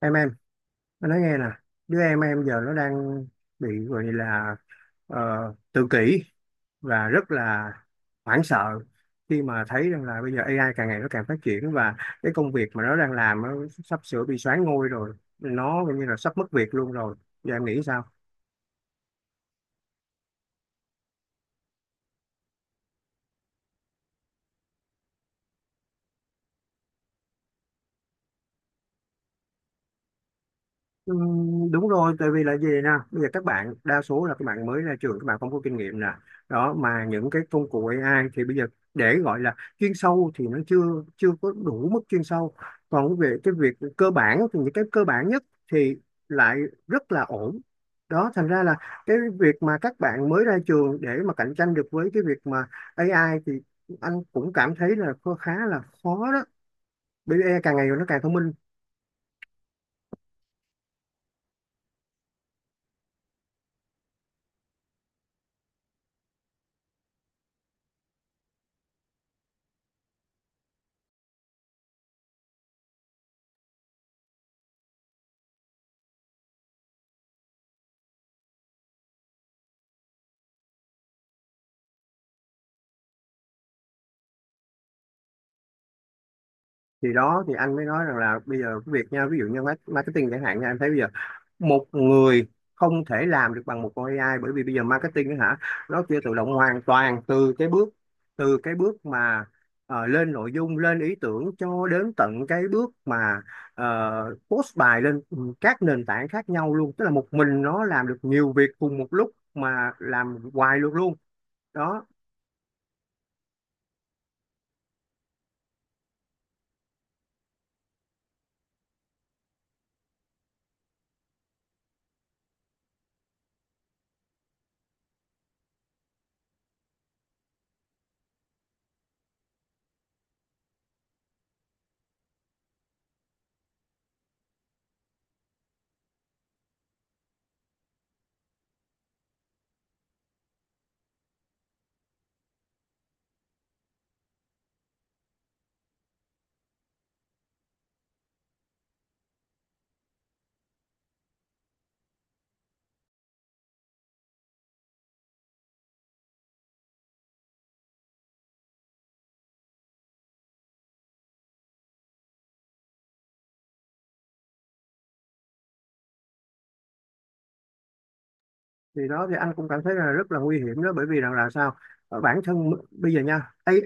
Em anh nói nghe nè. Đứa em giờ nó đang bị gọi là tự kỷ, và rất là hoảng sợ khi mà thấy rằng là bây giờ AI càng ngày nó càng phát triển, và cái công việc mà nó đang làm nó sắp sửa bị soán ngôi rồi, nó gần như là sắp mất việc luôn rồi. Giờ em nghĩ sao? Ừ, đúng rồi, tại vì là gì nè, bây giờ các bạn đa số là các bạn mới ra trường, các bạn không có kinh nghiệm nè, đó mà những cái công cụ AI thì bây giờ để gọi là chuyên sâu thì nó chưa chưa có đủ mức chuyên sâu, còn về cái việc cơ bản thì những cái cơ bản nhất thì lại rất là ổn. Đó thành ra là cái việc mà các bạn mới ra trường để mà cạnh tranh được với cái việc mà AI, thì anh cũng cảm thấy là khá là khó đó, bởi vì AI càng ngày nó càng thông minh. Thì đó thì anh mới nói rằng là bây giờ cái việc nha, ví dụ như marketing chẳng hạn nha, em thấy bây giờ một người không thể làm được bằng một con AI, bởi vì bây giờ marketing á hả, nó kia tự động hoàn toàn từ cái bước, từ cái bước mà lên nội dung lên ý tưởng cho đến tận cái bước mà post bài lên các nền tảng khác nhau luôn, tức là một mình nó làm được nhiều việc cùng một lúc mà làm hoài luôn luôn đó. Thì đó thì anh cũng cảm thấy là rất là nguy hiểm đó, bởi vì rằng là sao? Ở bản thân bây giờ nha, AI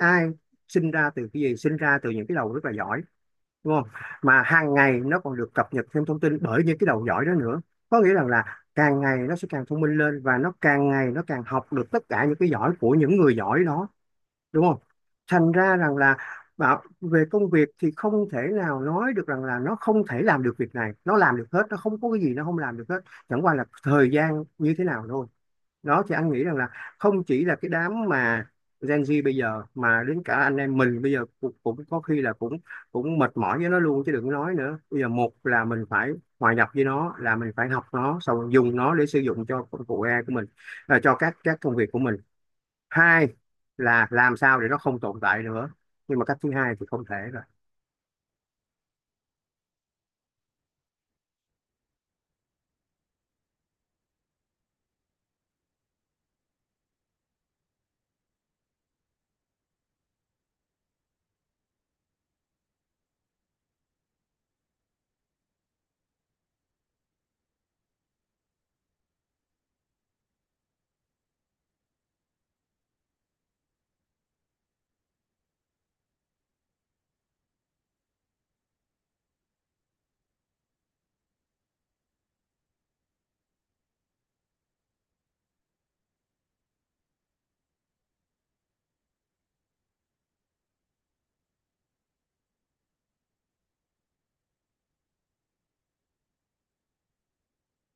sinh ra từ cái gì? Sinh ra từ những cái đầu rất là giỏi, đúng không? Mà hàng ngày nó còn được cập nhật thêm thông tin bởi những cái đầu giỏi đó nữa, có nghĩa rằng là càng ngày nó sẽ càng thông minh lên, và nó càng ngày nó càng học được tất cả những cái giỏi của những người giỏi đó, đúng không? Thành ra rằng là bảo về công việc thì không thể nào nói được rằng là nó không thể làm được việc này, nó làm được hết, nó không có cái gì nó không làm được hết, chẳng qua là thời gian như thế nào thôi. Đó thì anh nghĩ rằng là không chỉ là cái đám mà Gen Z bây giờ, mà đến cả anh em mình bây giờ cũng có khi là cũng cũng mệt mỏi với nó luôn, chứ đừng nói nữa. Bây giờ một là mình phải hòa nhập với nó, là mình phải học nó, xong rồi dùng nó để sử dụng cho công cụ AI của mình, à, cho các công việc của mình. Hai là làm sao để nó không tồn tại nữa, nhưng mà cách thứ hai thì không thể rồi.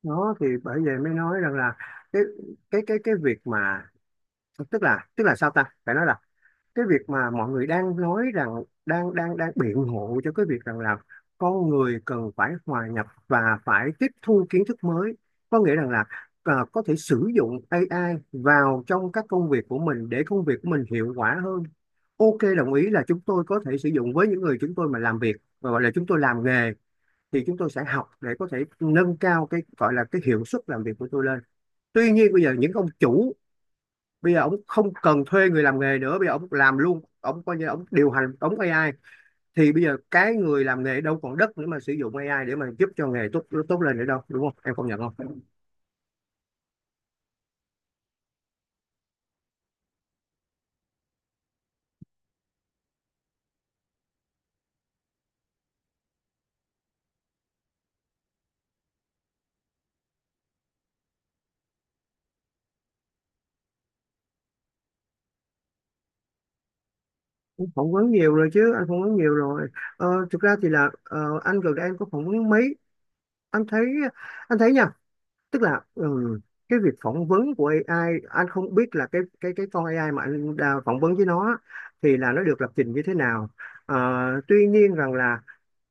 Nó thì bởi vậy mới nói rằng là cái cái việc mà tức là sao ta, phải nói là cái việc mà mọi người đang nói rằng đang đang đang biện hộ cho cái việc rằng là con người cần phải hòa nhập và phải tiếp thu kiến thức mới, có nghĩa rằng là à, có thể sử dụng AI vào trong các công việc của mình để công việc của mình hiệu quả hơn. Ok, đồng ý là chúng tôi có thể sử dụng, với những người chúng tôi mà làm việc và gọi là chúng tôi làm nghề, thì chúng tôi sẽ học để có thể nâng cao cái gọi là cái hiệu suất làm việc của tôi lên. Tuy nhiên bây giờ những ông chủ, bây giờ ông không cần thuê người làm nghề nữa, bây giờ ông làm luôn, ông coi như ông điều hành ống AI. Thì bây giờ cái người làm nghề đâu còn đất nữa mà sử dụng AI để mà giúp cho nghề tốt tốt lên nữa đâu, đúng không em, công nhận không? Em phỏng vấn nhiều rồi chứ, anh phỏng vấn nhiều rồi. Thực ra thì là anh gần đây anh có phỏng vấn mấy. Anh thấy, anh thấy nha, tức là ừ, cái việc phỏng vấn của AI, anh không biết là cái cái con AI mà anh đã phỏng vấn với nó thì là nó được lập trình như thế nào. Ờ, Tuy nhiên rằng là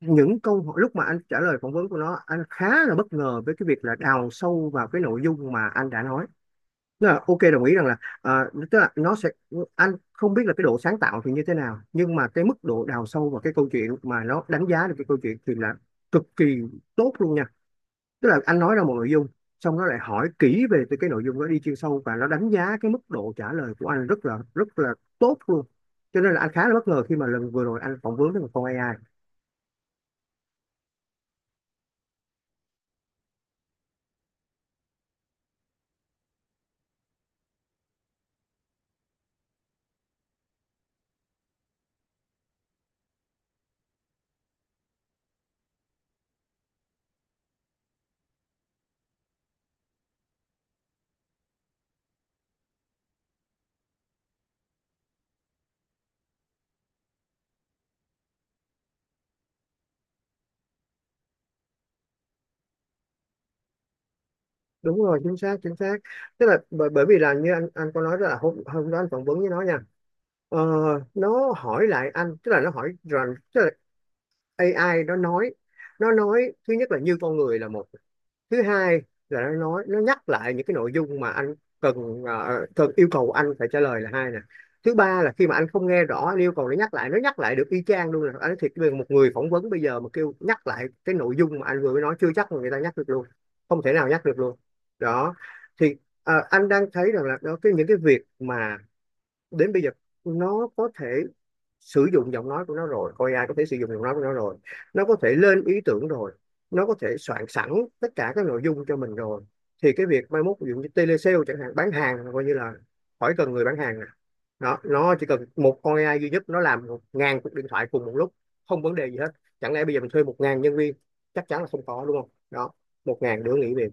những câu hỏi lúc mà anh trả lời phỏng vấn của nó, anh khá là bất ngờ với cái việc là đào sâu vào cái nội dung mà anh đã nói. Tức là ok đồng ý rằng là à, tức là nó sẽ, anh không biết là cái độ sáng tạo thì như thế nào, nhưng mà cái mức độ đào sâu vào cái câu chuyện mà nó đánh giá được cái câu chuyện thì là cực kỳ tốt luôn nha, tức là anh nói ra một nội dung xong nó lại hỏi kỹ về từ cái nội dung đó đi chuyên sâu, và nó đánh giá cái mức độ trả lời của anh rất là tốt luôn, cho nên là anh khá là bất ngờ khi mà lần vừa rồi anh phỏng vấn với một con AI. Đúng rồi, chính xác chính xác, tức là bởi vì là như anh có nói đó là hôm hôm đó anh phỏng vấn với nó nha, ờ, nó hỏi lại anh, tức là nó hỏi rằng tức là AI nó nói, nó nói thứ nhất là như con người là một, thứ hai là nó nói nó nhắc lại những cái nội dung mà anh cần, cần yêu cầu anh phải trả lời là hai nè, thứ ba là khi mà anh không nghe rõ anh yêu cầu nó nhắc lại, nó nhắc lại được y chang luôn, là anh nói thiệt với một người phỏng vấn bây giờ mà kêu nhắc lại cái nội dung mà anh vừa mới nói chưa chắc mà người ta nhắc được luôn, không thể nào nhắc được luôn. Đó thì anh đang thấy rằng là đó cái những cái việc mà đến bây giờ nó có thể sử dụng giọng nói của nó rồi, coi AI có thể sử dụng giọng nói của nó rồi, nó có thể lên ý tưởng rồi, nó có thể soạn sẵn tất cả các nội dung cho mình rồi, thì cái việc mai mốt ví dụ như telesale chẳng hạn, bán hàng coi như là khỏi cần người bán hàng nè. Đó, nó chỉ cần một con AI duy nhất nó làm 1.000 cuộc điện thoại cùng một lúc không vấn đề gì hết. Chẳng lẽ bây giờ mình thuê 1.000 nhân viên? Chắc chắn là không có, đúng không? Đó, 1.000 đứa nghỉ việc.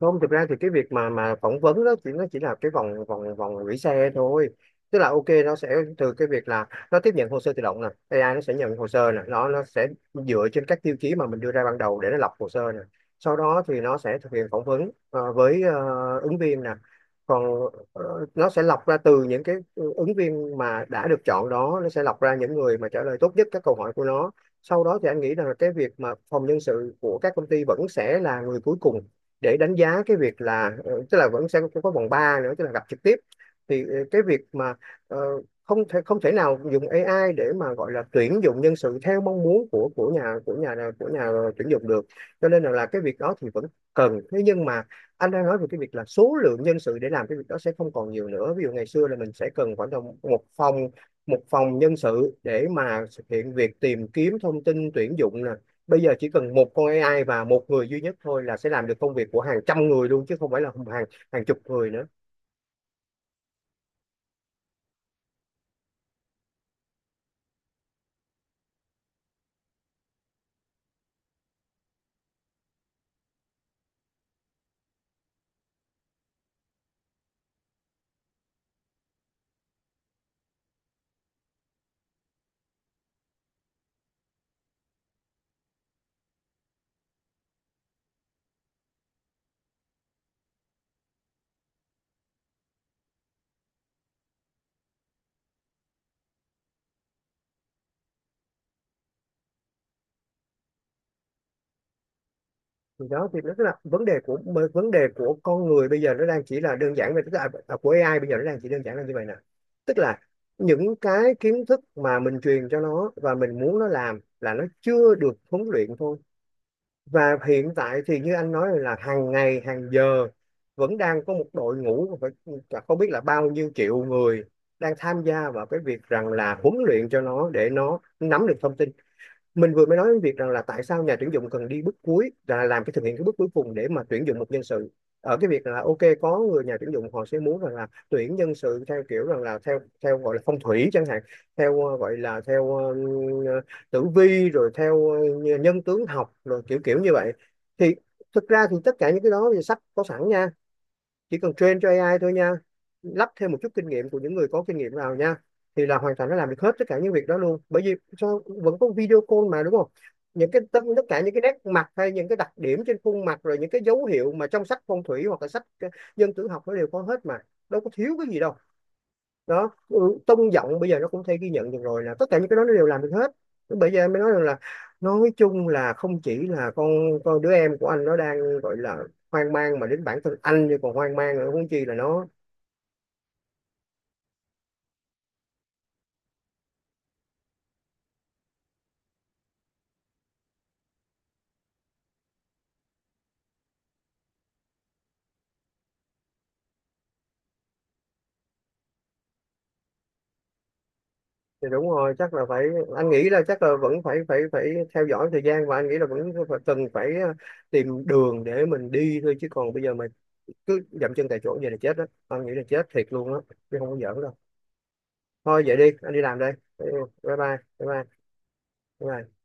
Không, thực ra thì cái việc mà phỏng vấn đó chỉ nó chỉ là cái vòng vòng vòng gửi xe thôi, tức là ok nó sẽ, từ cái việc là nó tiếp nhận hồ sơ tự động nè, AI nó sẽ nhận hồ sơ nè, nó sẽ dựa trên các tiêu chí mà mình đưa ra ban đầu để nó lọc hồ sơ nè, sau đó thì nó sẽ thực hiện phỏng vấn với ứng viên nè, còn nó sẽ lọc ra từ những cái ứng viên mà đã được chọn, đó nó sẽ lọc ra những người mà trả lời tốt nhất các câu hỏi của nó. Sau đó thì anh nghĩ rằng là cái việc mà phòng nhân sự của các công ty vẫn sẽ là người cuối cùng để đánh giá cái việc là ờ, tức là vẫn sẽ có vòng 3 nữa, tức là gặp trực tiếp. Thì cái việc mà ờ, không thể, không thể nào dùng AI để mà gọi là tuyển dụng nhân sự theo mong muốn của của nhà tuyển dụng được, cho nên là, cái việc đó thì vẫn cần. Thế nhưng mà anh đang nói về cái việc là số lượng nhân sự để làm cái việc đó sẽ không còn nhiều nữa, ví dụ ngày xưa là mình sẽ cần khoảng tầm một phòng, nhân sự để mà thực hiện việc tìm kiếm thông tin tuyển dụng nè, bây giờ chỉ cần một con AI và một người duy nhất thôi là sẽ làm được công việc của hàng trăm người luôn, chứ không phải là hàng hàng chục người nữa. Thì đó thì nó là vấn đề của, vấn đề của con người bây giờ, nó đang chỉ là đơn giản về, tức là à, của AI bây giờ nó đang chỉ đơn giản là như vậy nè, tức là những cái kiến thức mà mình truyền cho nó và mình muốn nó làm là nó chưa được huấn luyện thôi. Và hiện tại thì như anh nói là hàng ngày hàng giờ vẫn đang có một đội ngũ, phải cả không biết là bao nhiêu triệu người đang tham gia vào cái việc rằng là huấn luyện cho nó để nó nắm được thông tin. Mình vừa mới nói đến việc rằng là tại sao nhà tuyển dụng cần đi bước cuối là làm cái thực hiện cái bước cuối cùng để mà tuyển dụng một nhân sự, ở cái việc là ok có người nhà tuyển dụng họ sẽ muốn rằng là tuyển nhân sự theo kiểu rằng là theo theo gọi là phong thủy chẳng hạn, theo gọi là theo tử vi, rồi theo nhân tướng học rồi kiểu kiểu như vậy. Thì thực ra thì tất cả những cái đó thì sách có sẵn nha, chỉ cần train cho AI thôi nha, lắp thêm một chút kinh nghiệm của những người có kinh nghiệm vào nha, thì là hoàn toàn nó làm được hết tất cả những việc đó luôn, bởi vì sao, vẫn có video call mà, đúng không? Những cái tất cả những cái nét mặt hay những cái đặc điểm trên khuôn mặt, rồi những cái dấu hiệu mà trong sách phong thủy hoặc là sách dân tử học nó đều có hết mà, đâu có thiếu cái gì đâu. Đó, ừ, tông giọng bây giờ nó cũng có thể ghi nhận được rồi, là tất cả những cái đó nó đều làm được hết. Bây giờ em mới nói rằng là nói chung là không chỉ là con đứa em của anh nó đang gọi là hoang mang, mà đến bản thân anh như còn hoang mang nữa, huống chi là nó. Thì đúng rồi chắc là phải, anh nghĩ là chắc là vẫn phải phải phải theo dõi thời gian, và anh nghĩ là cần phải tìm đường để mình đi thôi, chứ còn bây giờ mà cứ dậm chân tại chỗ vậy là chết đó, anh nghĩ là chết thiệt luôn á, chứ không có giỡn đâu. Thôi vậy đi, anh đi làm đây. Ừ, bye bye bye bye bye, bye.